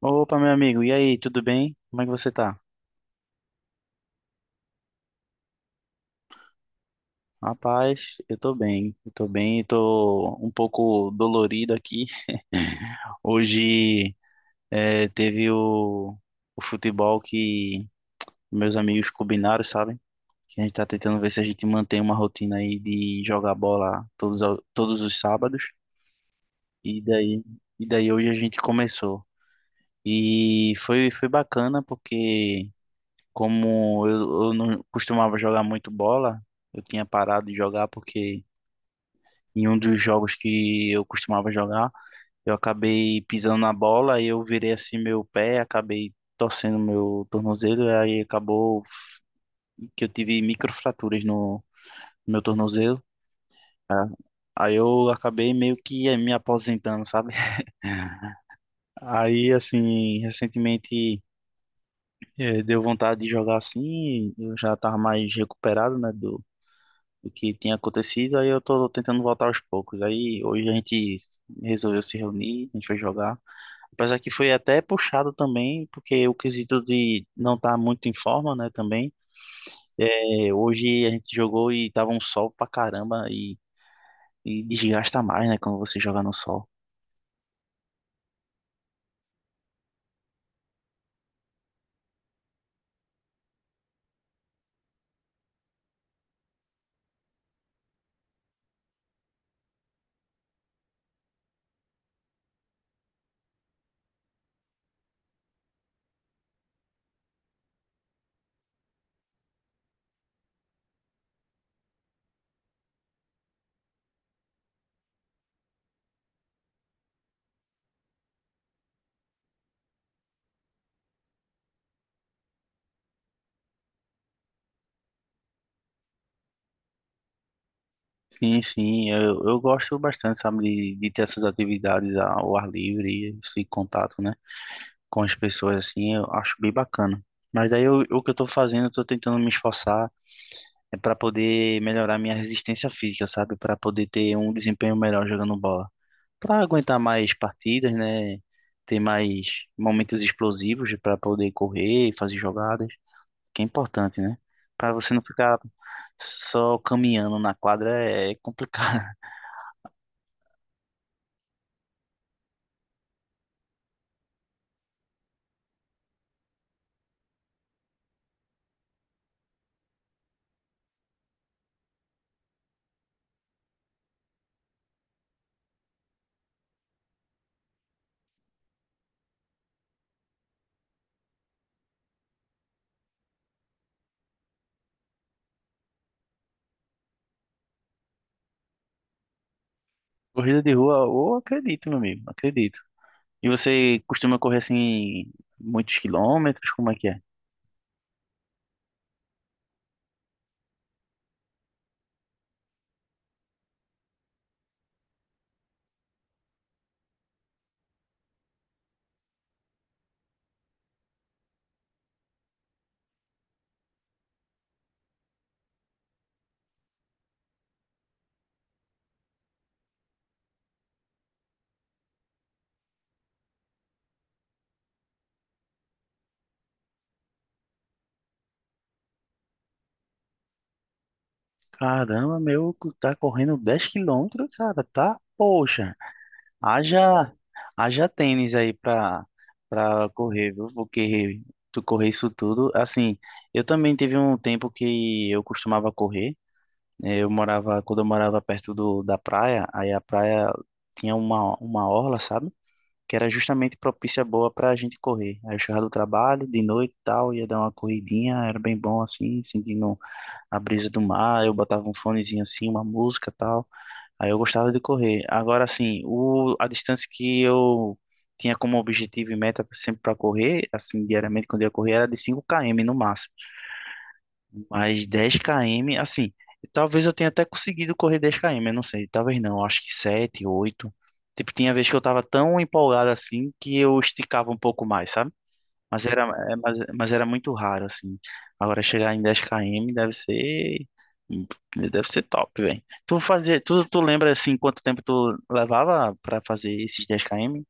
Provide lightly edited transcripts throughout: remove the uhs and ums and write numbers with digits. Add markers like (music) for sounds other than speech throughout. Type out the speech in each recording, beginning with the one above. Opa, meu amigo, e aí, tudo bem? Como é que você tá? Rapaz, eu tô bem, eu tô bem, eu tô um pouco dolorido aqui. (laughs) Hoje teve o futebol que meus amigos combinaram, sabe? Que a gente tá tentando ver se a gente mantém uma rotina aí de jogar bola todos os sábados. E daí, e daí, hoje a gente começou. E foi bacana porque, como eu não costumava jogar muito bola, eu tinha parado de jogar porque em um dos jogos que eu costumava jogar, eu acabei pisando na bola e eu virei assim meu pé, acabei torcendo meu tornozelo, e aí acabou que eu tive microfraturas no meu tornozelo. Tá? Aí eu acabei meio que me aposentando, sabe? (laughs) Aí, assim, recentemente deu vontade de jogar assim, eu já tava mais recuperado, né, do que tinha acontecido. Aí eu tô tentando voltar aos poucos. Aí hoje a gente resolveu se reunir, a gente foi jogar. Apesar que foi até puxado também, porque o quesito de não estar muito em forma, né, também. É, hoje a gente jogou e tava um sol pra caramba, e desgasta mais, né, quando você joga no sol. Sim, sim, eu gosto bastante, sabe, de ter essas atividades ao ar livre, esse contato, né, com as pessoas, assim, eu acho bem bacana. Mas daí o que eu tô fazendo, eu tô tentando me esforçar é para poder melhorar minha resistência física, sabe? Para poder ter um desempenho melhor jogando bola. Para aguentar mais partidas, né? Ter mais momentos explosivos para poder correr, fazer jogadas, que é importante, né? Para você não ficar só caminhando na quadra é complicado. (laughs) Corrida de rua, eu acredito, meu amigo, acredito. E você costuma correr assim muitos quilômetros? Como é que é? Caramba, meu, tá correndo 10 km, cara, tá? Poxa. Haja, haja tênis aí pra correr, viu? Porque tu correr isso tudo. Assim, eu também teve um tempo que eu costumava correr, né? Eu morava, quando eu morava perto do, da praia, aí a praia tinha uma orla, sabe? Que era justamente propícia boa pra gente correr. Aí eu chegava do trabalho, de noite e tal, ia dar uma corridinha, era bem bom assim, sentindo a brisa do mar. Eu botava um fonezinho assim, uma música e tal. Aí eu gostava de correr. Agora, assim, o, a distância que eu tinha como objetivo e meta sempre para correr, assim, diariamente quando eu ia correr, era de 5 km no máximo. Mas 10 km, assim, talvez eu tenha até conseguido correr 10 km, eu não sei, talvez não, acho que 7, 8. Tipo, tinha vez que eu tava tão empolgado assim que eu esticava um pouco mais, sabe? Mas era, mas era muito raro, assim. Agora chegar em 10 km deve ser. Deve ser top, velho. Tu lembra assim quanto tempo tu levava pra fazer esses 10 km?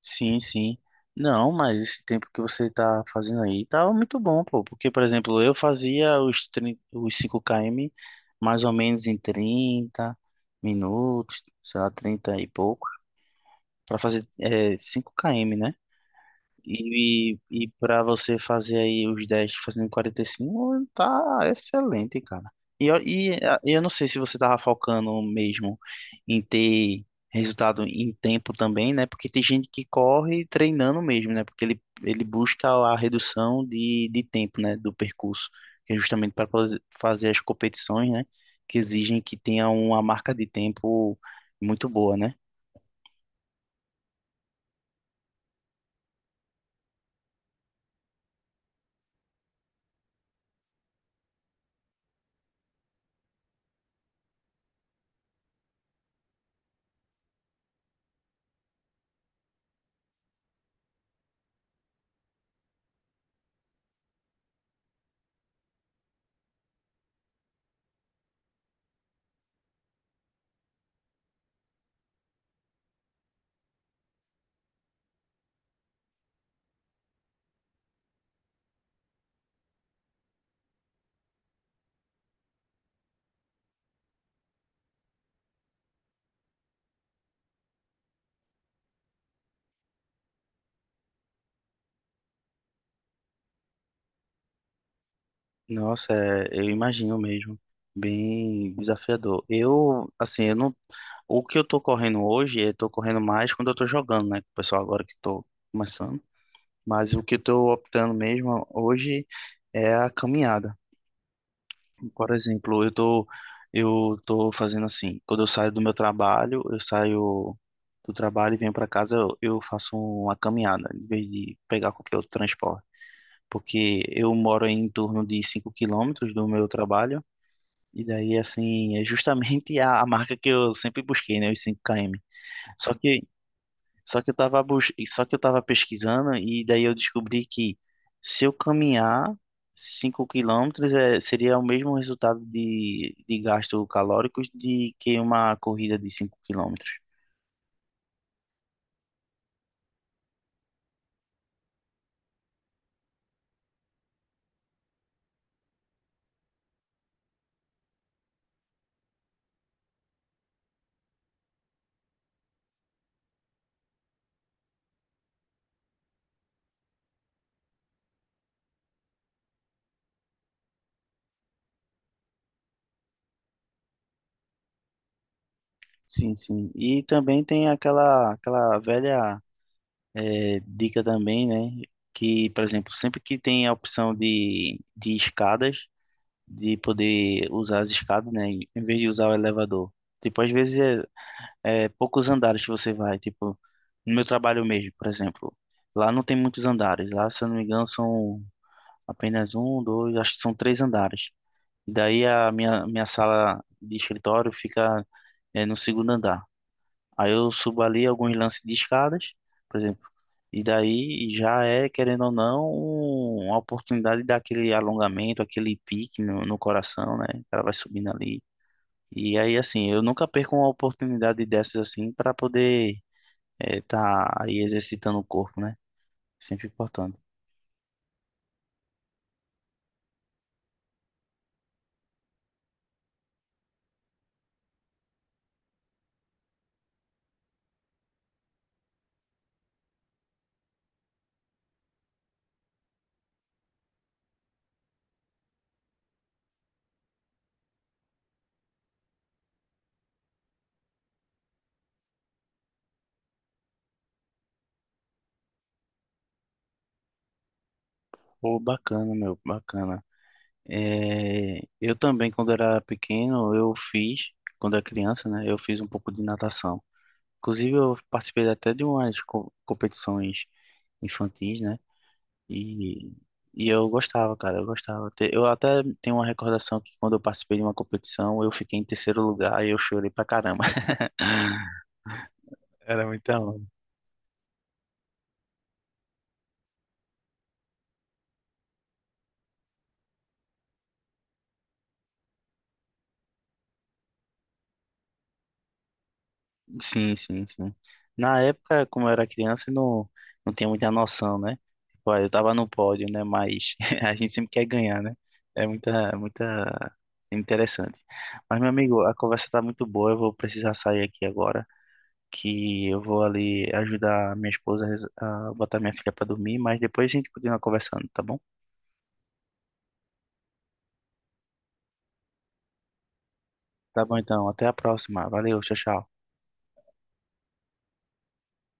Sim, sim. Não, mas esse tempo que você tá fazendo aí tava muito bom, pô. Porque, por exemplo, eu fazia os, 30, os 5 km mais ou menos em 30 minutos, sei lá, 30 e pouco, pra fazer 5 km, né? E para você fazer aí os 10 fazendo 45 tá excelente, cara. E, eu não sei se você tava focando mesmo em ter resultado em tempo também, né? Porque tem gente que corre treinando mesmo, né? Porque ele busca a redução de tempo, né? Do percurso, que é justamente para fazer as competições, né? Que exigem que tenha uma marca de tempo muito boa, né? Nossa, é, eu imagino mesmo. Bem desafiador. Eu, assim, eu não. O que eu tô correndo hoje, eu tô correndo mais quando eu tô jogando, né? Com o pessoal agora que eu tô começando. Mas o que eu tô optando mesmo hoje é a caminhada. Por exemplo, eu tô fazendo assim, quando eu saio do meu trabalho, eu saio do trabalho e venho para casa, eu faço uma caminhada, em vez de pegar qualquer outro transporte. Porque eu moro em torno de 5 quilômetros do meu trabalho. E daí, assim, é justamente a marca que eu sempre busquei, né? Os 5 km. Só que, só que eu tava bus... só que eu tava pesquisando e daí eu descobri que se eu caminhar 5 quilômetros seria o mesmo resultado de gasto calórico de que uma corrida de 5 quilômetros. Sim, sim. E também tem aquela velha dica também, né? Que, por exemplo, sempre que tem a opção de escadas, de poder usar as escadas, né? Em vez de usar o elevador. Tipo, às vezes é poucos andares que você vai. Tipo, no meu trabalho mesmo, por exemplo. Lá não tem muitos andares. Lá, se eu não me engano, são apenas um, dois, acho que são três andares. E daí a minha sala de escritório fica no segundo andar. Aí eu subo ali alguns lances de escadas, por exemplo. E daí já é, querendo ou não, uma oportunidade daquele alongamento, aquele pique no coração, né? O cara vai subindo ali. E aí, assim, eu nunca perco uma oportunidade dessas assim para poder estar aí exercitando o corpo, né? Sempre importante. Pô, bacana, meu, bacana. É, eu também, quando era pequeno, eu fiz, quando era criança, né? Eu fiz um pouco de natação. Inclusive, eu participei até de umas competições infantis, né? E, e eu gostava, cara, eu gostava. Eu até tenho uma recordação que quando eu participei de uma competição, eu fiquei em terceiro lugar e eu chorei pra caramba. (laughs) Era muita onda. Sim, sim, sim. Na época, como eu era criança, eu não, não tinha muita noção, né? Tipo, ah, eu tava no pódio, né? Mas (laughs) a gente sempre quer ganhar, né? É muita interessante. Mas, meu amigo, a conversa tá muito boa, eu vou precisar sair aqui agora. Que eu vou ali ajudar a minha esposa a botar minha filha para dormir, mas depois a gente continua conversando, tá bom? Tá bom então, até a próxima. Valeu, tchau, tchau.